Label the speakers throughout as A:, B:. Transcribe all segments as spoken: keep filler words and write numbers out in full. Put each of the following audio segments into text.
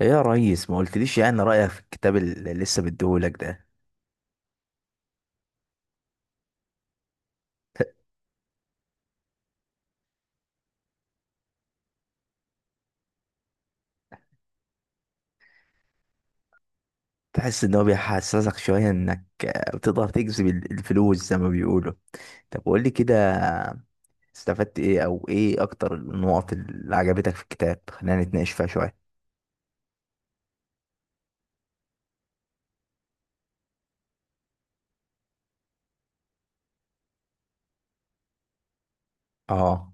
A: ايه يا ريس، ما قلتليش يعني رأيك في الكتاب اللي لسه مديهولك ده؟ تحس ان هو بيحسسك شوية انك آه، بتقدر تجذب ال- الفلوس زي ما بيقولوا. طب قولي كده، استفدت ايه، او ايه اكتر النقط اللي عجبتك في الكتاب؟ خلينا نتناقش فيها شوية. اه.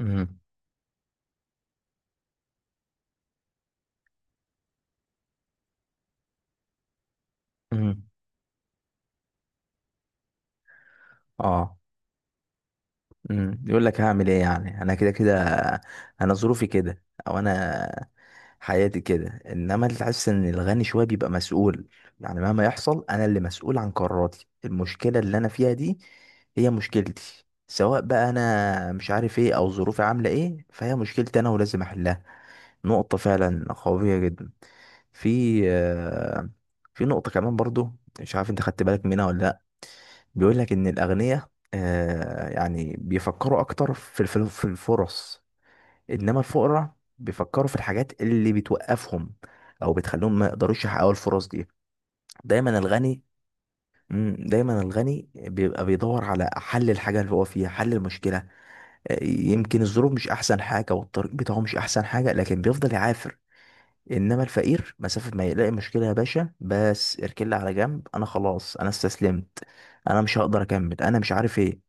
A: امم. امم. اه. امم. يقول لك هعمل ايه، يعني انا كده كده، انا ظروفي كده، او انا حياتي كده. انما اللي حاسس ان الغني شويه بيبقى مسؤول، يعني مهما يحصل انا اللي مسؤول عن قراراتي. المشكله اللي انا فيها دي هي مشكلتي، سواء بقى انا مش عارف ايه او ظروفي عامله ايه، فهي مشكلتي انا ولازم احلها. نقطه فعلا قويه جدا. في آه، في نقطه كمان برضو، مش عارف انت خدت بالك منها ولا لا. بيقول لك ان الاغنياء، آه، يعني بيفكروا اكتر في الف- في الفرص، انما الفقراء بيفكروا في الحاجات اللي بتوقفهم او بتخليهم ما يقدروش يحققوا الفرص دي. دايما الغني مم، دايما الغني بيبقى بيدور على حل الحاجة اللي هو فيها، حل المشكلة. آه، يمكن الظروف مش احسن حاجة والطريق بتاعه مش احسن حاجة، لكن بيفضل يعافر. انما الفقير مسافة ما يلاقي مشكلة، يا باشا بس اركل على جنب، انا خلاص انا استسلمت، انا مش هقدر اكمل، انا مش عارف ايه.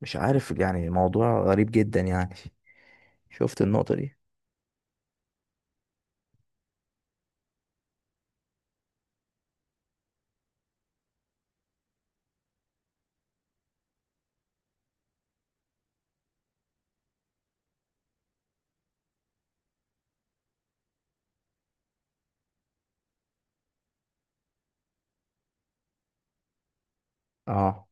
A: مش عارف، يعني موضوع غريب جدا يعني. شفت النقطة دي؟ اه.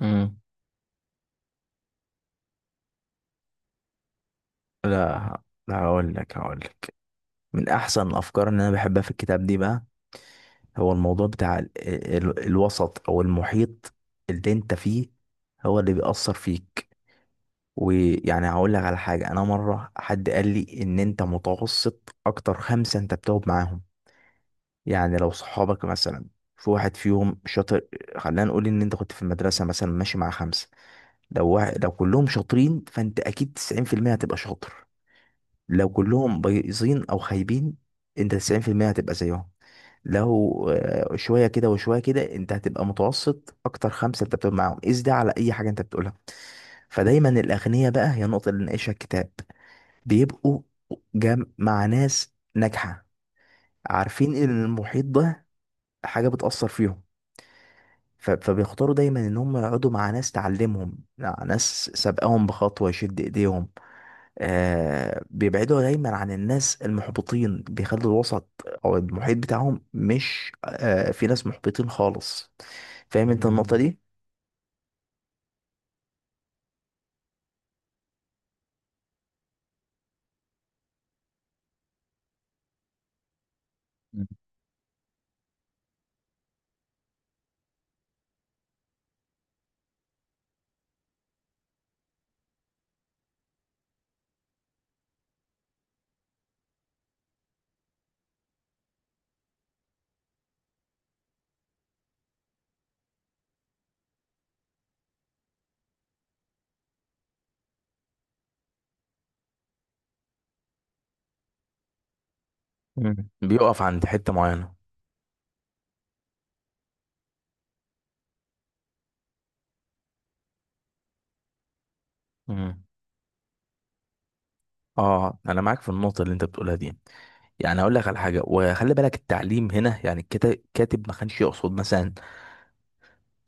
A: مم. لا، لا، هقول لك هقول لك، من احسن الافكار اللي انا بحبها في الكتاب دي بقى هو الموضوع بتاع ال ال الوسط او المحيط اللي انت فيه هو اللي بيأثر فيك. ويعني هقول لك على حاجة، انا مرة حد قال لي ان انت متوسط اكتر خمسة انت بتقعد معاهم. يعني لو صحابك مثلا في واحد فيهم شاطر، خلينا نقول ان انت كنت في المدرسة مثلا ماشي مع خمسة، لو واحد لو كلهم شاطرين فانت اكيد تسعين في المية هتبقى شاطر. لو كلهم بايظين او خايبين، انت تسعين في المية هتبقى زيهم. لو آه، شويه كده وشويه كده، انت هتبقى متوسط اكتر خمسه انت بتقول معاهم. قيس ده على اي حاجه انت بتقولها. فدايما الاغنياء بقى، هي النقطه اللي ناقشها الكتاب، بيبقوا جم مع ناس ناجحه، عارفين ان المحيط ده حاجه بتاثر فيهم، ف- فبيختاروا دايما ان هم يقعدوا مع ناس تعلمهم، مع ناس سابقاهم بخطوه يشد ايديهم. آه بيبعدوا دايما عن الناس المحبطين، بيخلوا الوسط او المحيط بتاعهم مش آه في ناس محبطين خالص. فاهم انت النقطة مم. دي؟ مم. بيقف عند حتة معينة. مم. اه، انا معاك في النقطة اللي انت بتقولها دي. يعني اقول لك على حاجة، وخلي بالك التعليم هنا، يعني الكتا- الكاتب ما كانش يقصد مثلا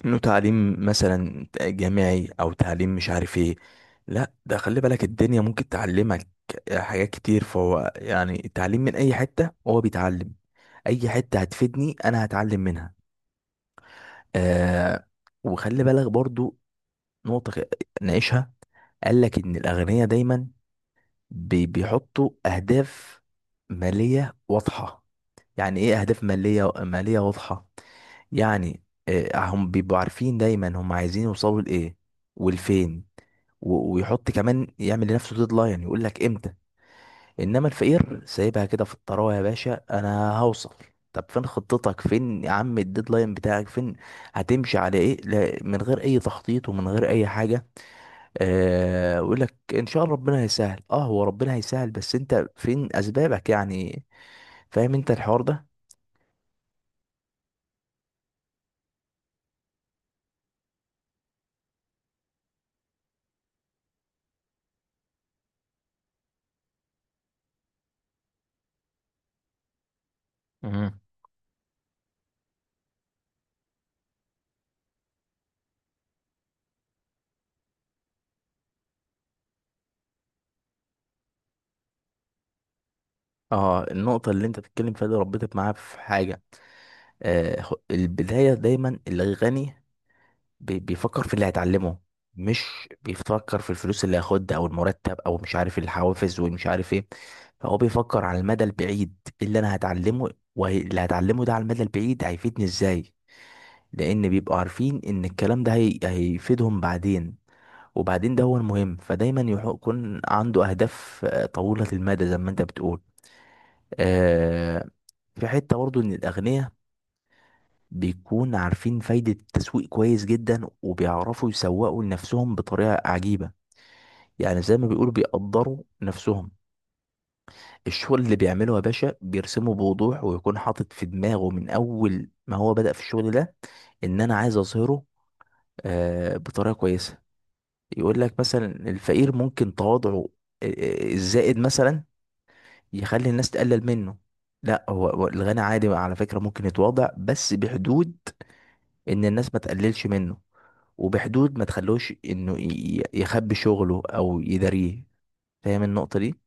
A: انه تعليم مثلا جامعي او تعليم مش عارف ايه. لا، ده خلي بالك الدنيا ممكن تعلمك حاجات كتير. فهو يعني التعليم من اي حتة هو بيتعلم. اي حتة هتفيدني انا هتعلم منها. آه وخلي بالك برضو، نقطة خ- ناقشها، قال لك ان الاغنياء دايما بي- بيحطوا اهداف مالية واضحة. يعني ايه اهداف مالية مالية واضحة؟ يعني آه، هم بيبقوا عارفين دايما هم عايزين يوصلوا لايه، والفين. و- ويحط كمان يعمل لنفسه ديدلاين يقول لك امتى. انما الفقير سايبها كده في الطراوه، يا باشا انا هوصل. طب فين خطتك؟ فين يا عم الديدلاين بتاعك؟ فين هتمشي على ايه؟ لا، من غير اي تخطيط ومن غير اي حاجه. آه يقول لك ان شاء الله ربنا هيسهل. اه، هو ربنا هيسهل، بس انت فين اسبابك يعني؟ فاهم انت الحوار ده؟ مهم. اه، النقطه اللي انت بتتكلم فيها دي ربطت معايا في حاجه. آه، خ- البداية دايما الغني بي- بيفكر في اللي هيتعلمه. مش بيفكر في الفلوس اللي هياخدها او المرتب او مش عارف الحوافز ومش عارف ايه. فهو بيفكر على المدى البعيد. إيه اللي انا هتعلمه، واللي هتعلمه ده على المدى البعيد هيفيدني ازاي؟ لان بيبقوا عارفين ان الكلام ده هي... هيفيدهم بعدين. وبعدين ده هو المهم. فدايما يح- يكون عنده اهداف آه، طويلة المدى زي ما انت بتقول. آه، في حتة برضو ان الاغنياء بيكون عارفين فايدة التسويق كويس جدا، وبيعرفوا يسوقوا لنفسهم بطريقة عجيبة. يعني زي ما بيقولوا بيقدروا نفسهم. الشغل اللي بيعمله يا باشا بيرسمه بوضوح، ويكون حاطط في دماغه من أول ما هو بدأ في الشغل ده، إن أنا عايز أظهره آه، بطريقة كويسة. يقول لك مثلا الفقير ممكن تواضعه آه، آه، الزائد مثلا يخلي الناس تقلل منه. لا، هو هو الغني عادي على فكرة ممكن يتواضع، بس بحدود ان الناس ما تقللش منه، وبحدود ما تخلوش انه ي- يخبي شغله او يداريه. فاهم النقطة دي؟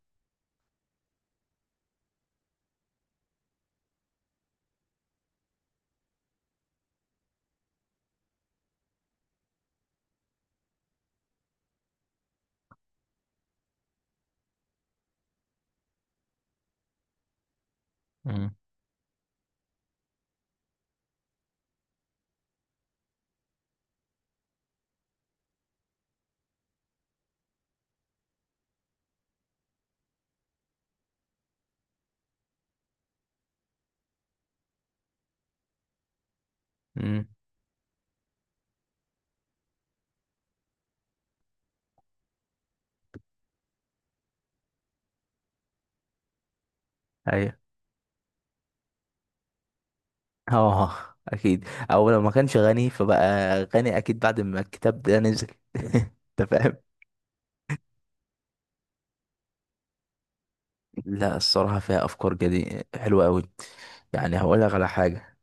A: امم. امم. ايوه. اه، اكيد. او لو ما كانش غني فبقى غني اكيد بعد ما الكتاب ده نزل. انت فاهم. لا، الصراحة فيها افكار جديدة حلوة قوي. يعني هقول لك على حاجة،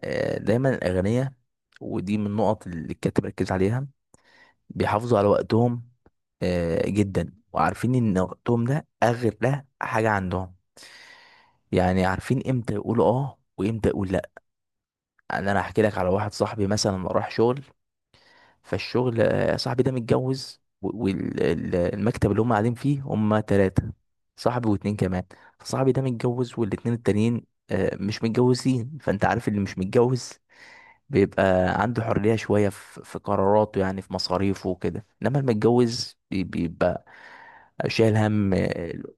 A: آه، دايما الاغنية، ودي من النقط اللي الكاتب ركز عليها، بيحافظوا على وقتهم آه، جدا، وعارفين ان وقتهم ده اغلى حاجه عندهم. يعني عارفين امتى يقولوا اه، وامتى يقول لا. يعني انا هحكي لك على واحد صاحبي مثلا راح شغل، فالشغل آه، صاحبي ده متجوز، والمكتب اللي هم قاعدين فيه هم ثلاثه، صاحبي واتنين كمان. فصاحبي ده متجوز، والاتنين التانيين آه، مش متجوزين. فانت عارف اللي مش متجوز بيبقى عنده حرية شوية في في قراراته، يعني في مصاريفه وكده، انما المتجوز بي- بيبقى شايل هم ال-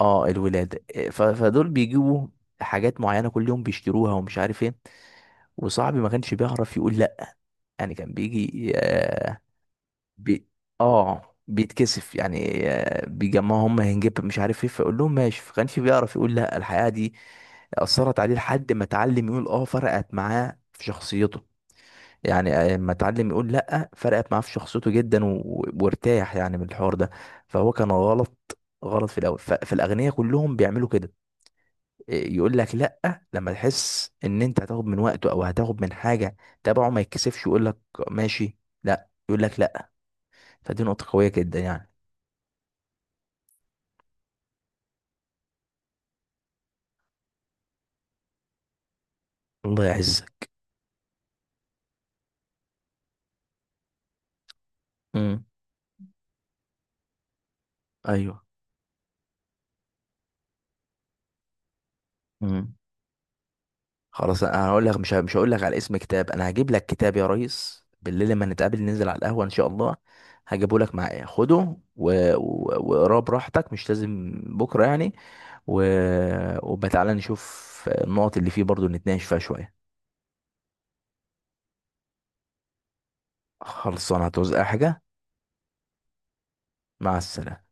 A: اه الولادة. ف- فدول بيجيبوا حاجات معينة كل يوم بيشتروها ومش عارف ايه، وصاحبي ما كانش بيعرف يقول لا. يعني كان بيجي آه بي اه بيتكسف يعني، آه بيجمعوا هم هنجيب مش عارف ايه فيقول لهم ماشي، فكانش بيعرف يقول لا. الحقيقة دي أثرت عليه لحد ما اتعلم يقول اه، فرقت معاه في شخصيته. يعني اما اتعلم يقول لا فرقت معاه في شخصيته جدا، و... و- وارتاح يعني من الحوار ده. فهو كان غلط، غلط في الاول. ف... فالاغنياء كلهم بيعملوا كده. إيه، يقول لك لا لما تحس ان انت هتاخد من وقته او هتاخد من حاجه تبعه، ما يتكسفش يقول لك ماشي. لا، يقول لك لا. فدي نقطه قويه جدا يعني. الله يعزك. امم. ايوه. مم. خلاص، انا هقول لك، مش ه- مش هقول لك على اسم كتاب، انا هجيب لك كتاب يا ريس بالليل لما نتقابل ننزل على القهوة ان شاء الله. هجيبه لك معايا، خده و- و- واقراه براحتك، مش لازم بكرة يعني. و... وبقى تعالى نشوف النقط اللي فيه برضو نتناقش فيها شوية. خلصانة، هتعوز اي حاجة؟ مع السلامة.